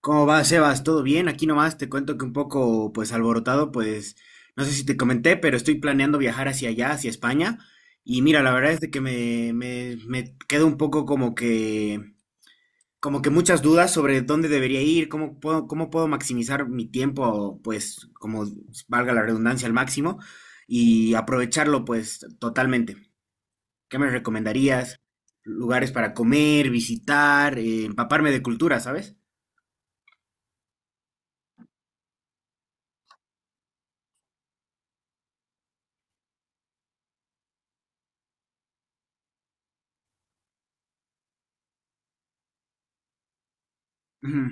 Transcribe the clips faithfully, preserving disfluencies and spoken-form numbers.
¿Cómo va, Sebas? ¿Todo bien? Aquí nomás te cuento que un poco, pues, alborotado, pues, no sé si te comenté, pero estoy planeando viajar hacia allá, hacia España. Y mira, la verdad es de que me, me, me quedo un poco como que, como que muchas dudas sobre dónde debería ir, cómo puedo, cómo puedo maximizar mi tiempo, pues, como valga la redundancia, al máximo y aprovecharlo, pues, totalmente. ¿Qué me recomendarías? Lugares para comer, visitar, eh, empaparme de cultura, ¿sabes? Ujú.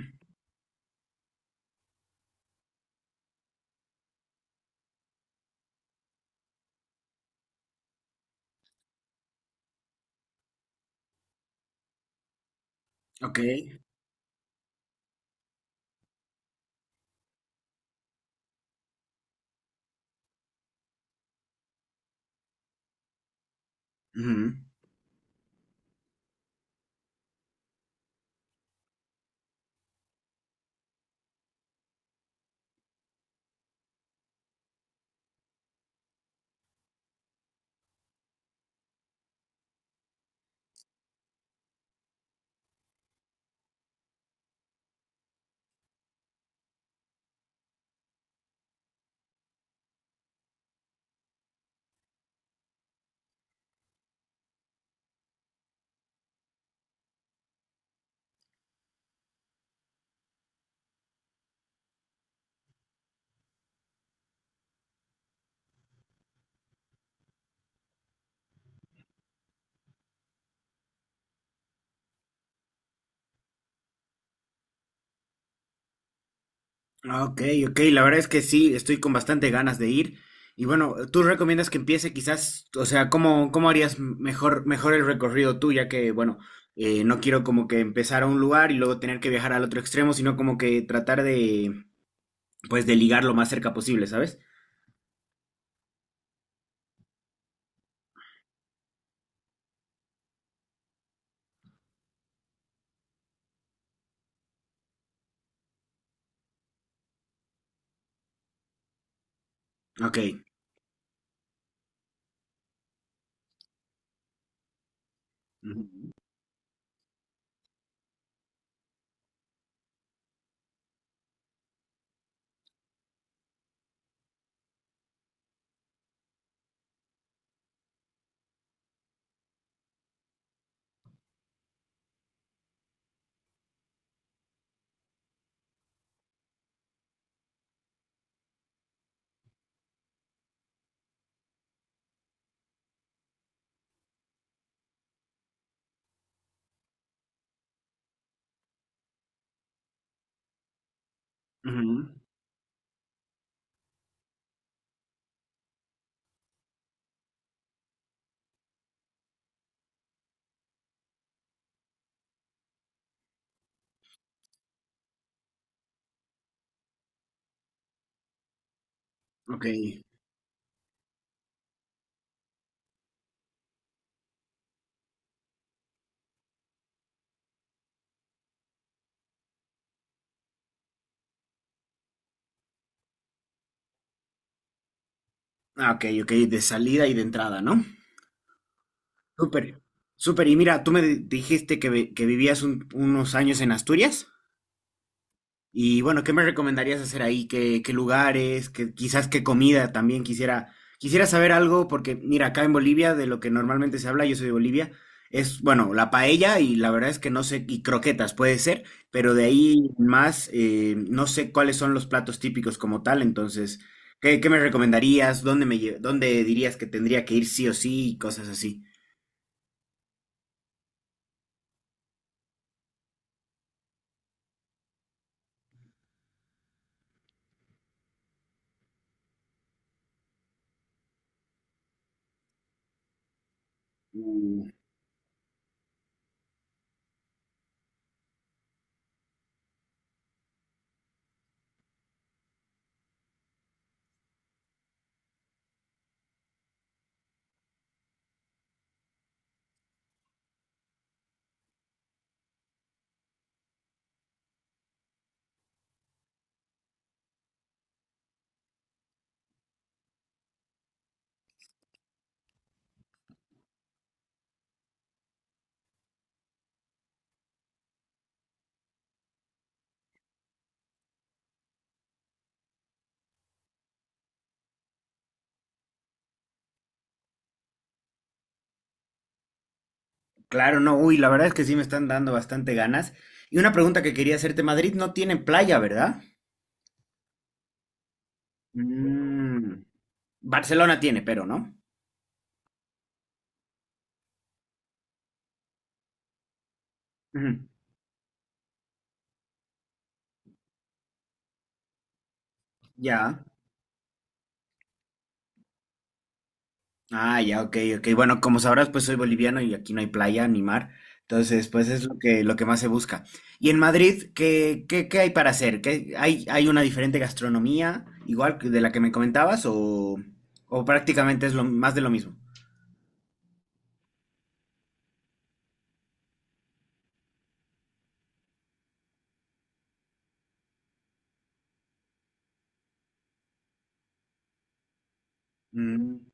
Ok. Ujú. Ah, ok, ok, la verdad es que sí, estoy con bastante ganas de ir. Y bueno, ¿tú recomiendas que empiece quizás, o sea, cómo, cómo harías mejor, mejor el recorrido tú, ya que, bueno, eh, no quiero como que empezar a un lugar y luego tener que viajar al otro extremo, sino como que tratar de, pues, de ligar lo más cerca posible, ¿sabes? Ok. Ujú, ujú. Ok. Ah, ok, ok, de salida y de entrada, ¿no? Súper, súper. Y mira, tú me di- dijiste que, vi- que vivías un- unos años en Asturias. Y bueno, ¿qué me recomendarías hacer ahí? ¿Qué, qué lugares? ¿Qué, quizás qué comida también quisiera, quisiera saber algo, porque mira, acá en Bolivia, de lo que normalmente se habla, yo soy de Bolivia, es, bueno, la paella y la verdad es que no sé, y croquetas puede ser, pero de ahí en más, eh, no sé cuáles son los platos típicos como tal, entonces, ¿qué, qué me recomendarías? ¿Dónde me, lle- dónde dirías que tendría que ir sí o sí y cosas así? Claro, no, uy, la verdad es que sí me están dando bastante ganas. Y una pregunta que quería hacerte, Madrid no tiene playa, ¿verdad? Mm. Barcelona tiene, pero, ¿no? Ujú. Ya. Ah, ya, ok, ok. Bueno, como sabrás, pues soy boliviano y aquí no hay playa ni mar. Entonces, pues es lo que, lo que más se busca. Y en Madrid, ¿qué, qué, qué hay para hacer? ¿Qué, hay, hay una diferente gastronomía, igual que de la que me comentabas, o, o prácticamente es lo, más de lo mismo? Mm,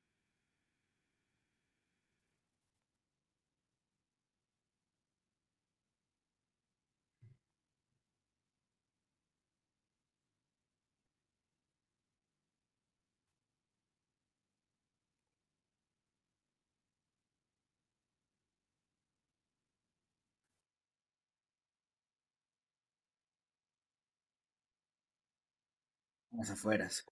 las afueras.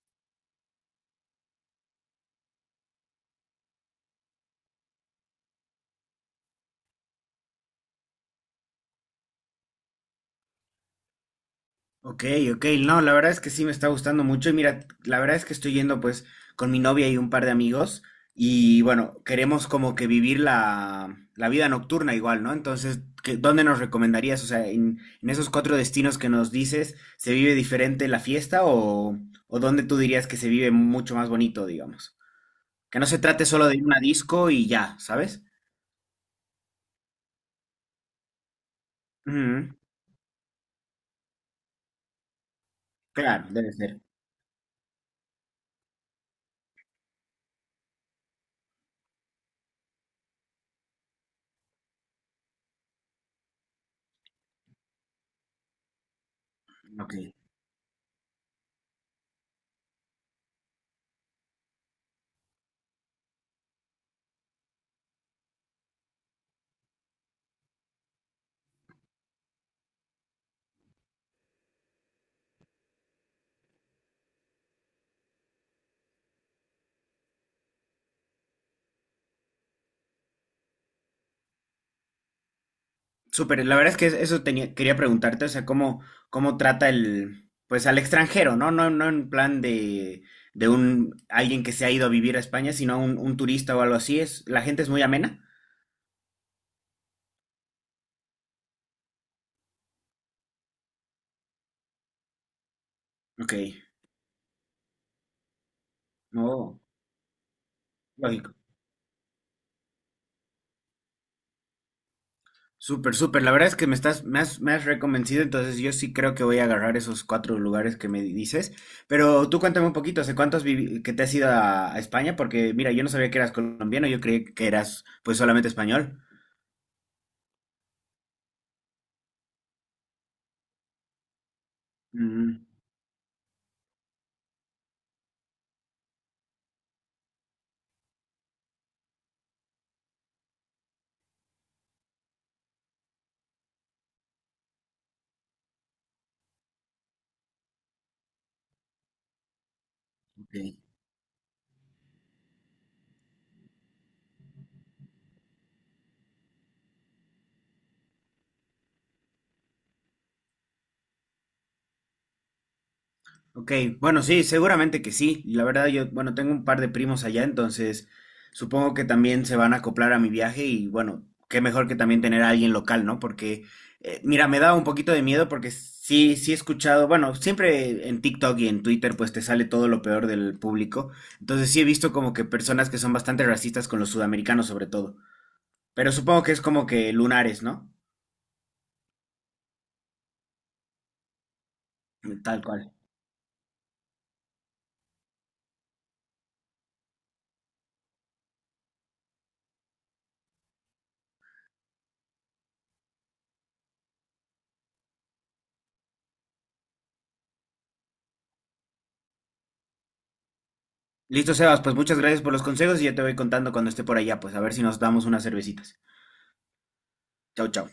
Ok, ok, no, la verdad es que sí me está gustando mucho y mira, la verdad es que estoy yendo pues con mi novia y un par de amigos y bueno, queremos como que vivir la, la vida nocturna igual, ¿no? Entonces, ¿qué, dónde nos recomendarías? O sea, en, en esos cuatro destinos que nos dices, ¿se vive diferente la fiesta o, o dónde tú dirías que se vive mucho más bonito, digamos? Que no se trate solo de ir a una disco y ya, ¿sabes? Ujú, claro, debe ser. Ok. Súper, la verdad es que eso tenía, quería preguntarte, o sea, cómo, cómo trata el, pues al extranjero, ¿no? No, no en plan de, de un, alguien que se ha ido a vivir a España, sino un, un turista o algo así. Es, la gente es muy amena. Ok, no, lógico. Súper, súper, la verdad es que me estás, me has, me has reconvencido, entonces yo sí creo que voy a agarrar esos cuatro lugares que me dices. Pero tú cuéntame un poquito, ¿hace cuántos vivi- que te has ido a, a España? Porque mira, yo no sabía que eras colombiano, yo creí que eras pues solamente español. Mm, ok. Ok, bueno, sí, seguramente que sí. La verdad, yo, bueno, tengo un par de primos allá, entonces supongo que también se van a acoplar a mi viaje y bueno, qué mejor que también tener a alguien local, ¿no? Porque, eh, mira, me da un poquito de miedo porque sí, sí he escuchado, bueno, siempre en TikTok y en Twitter pues te sale todo lo peor del público. Entonces sí he visto como que personas que son bastante racistas con los sudamericanos sobre todo. Pero supongo que es como que lunares, ¿no? Tal cual. Listo, Sebas, pues muchas gracias por los consejos y ya te voy contando cuando esté por allá, pues a ver si nos damos unas cervecitas. Chao, chao.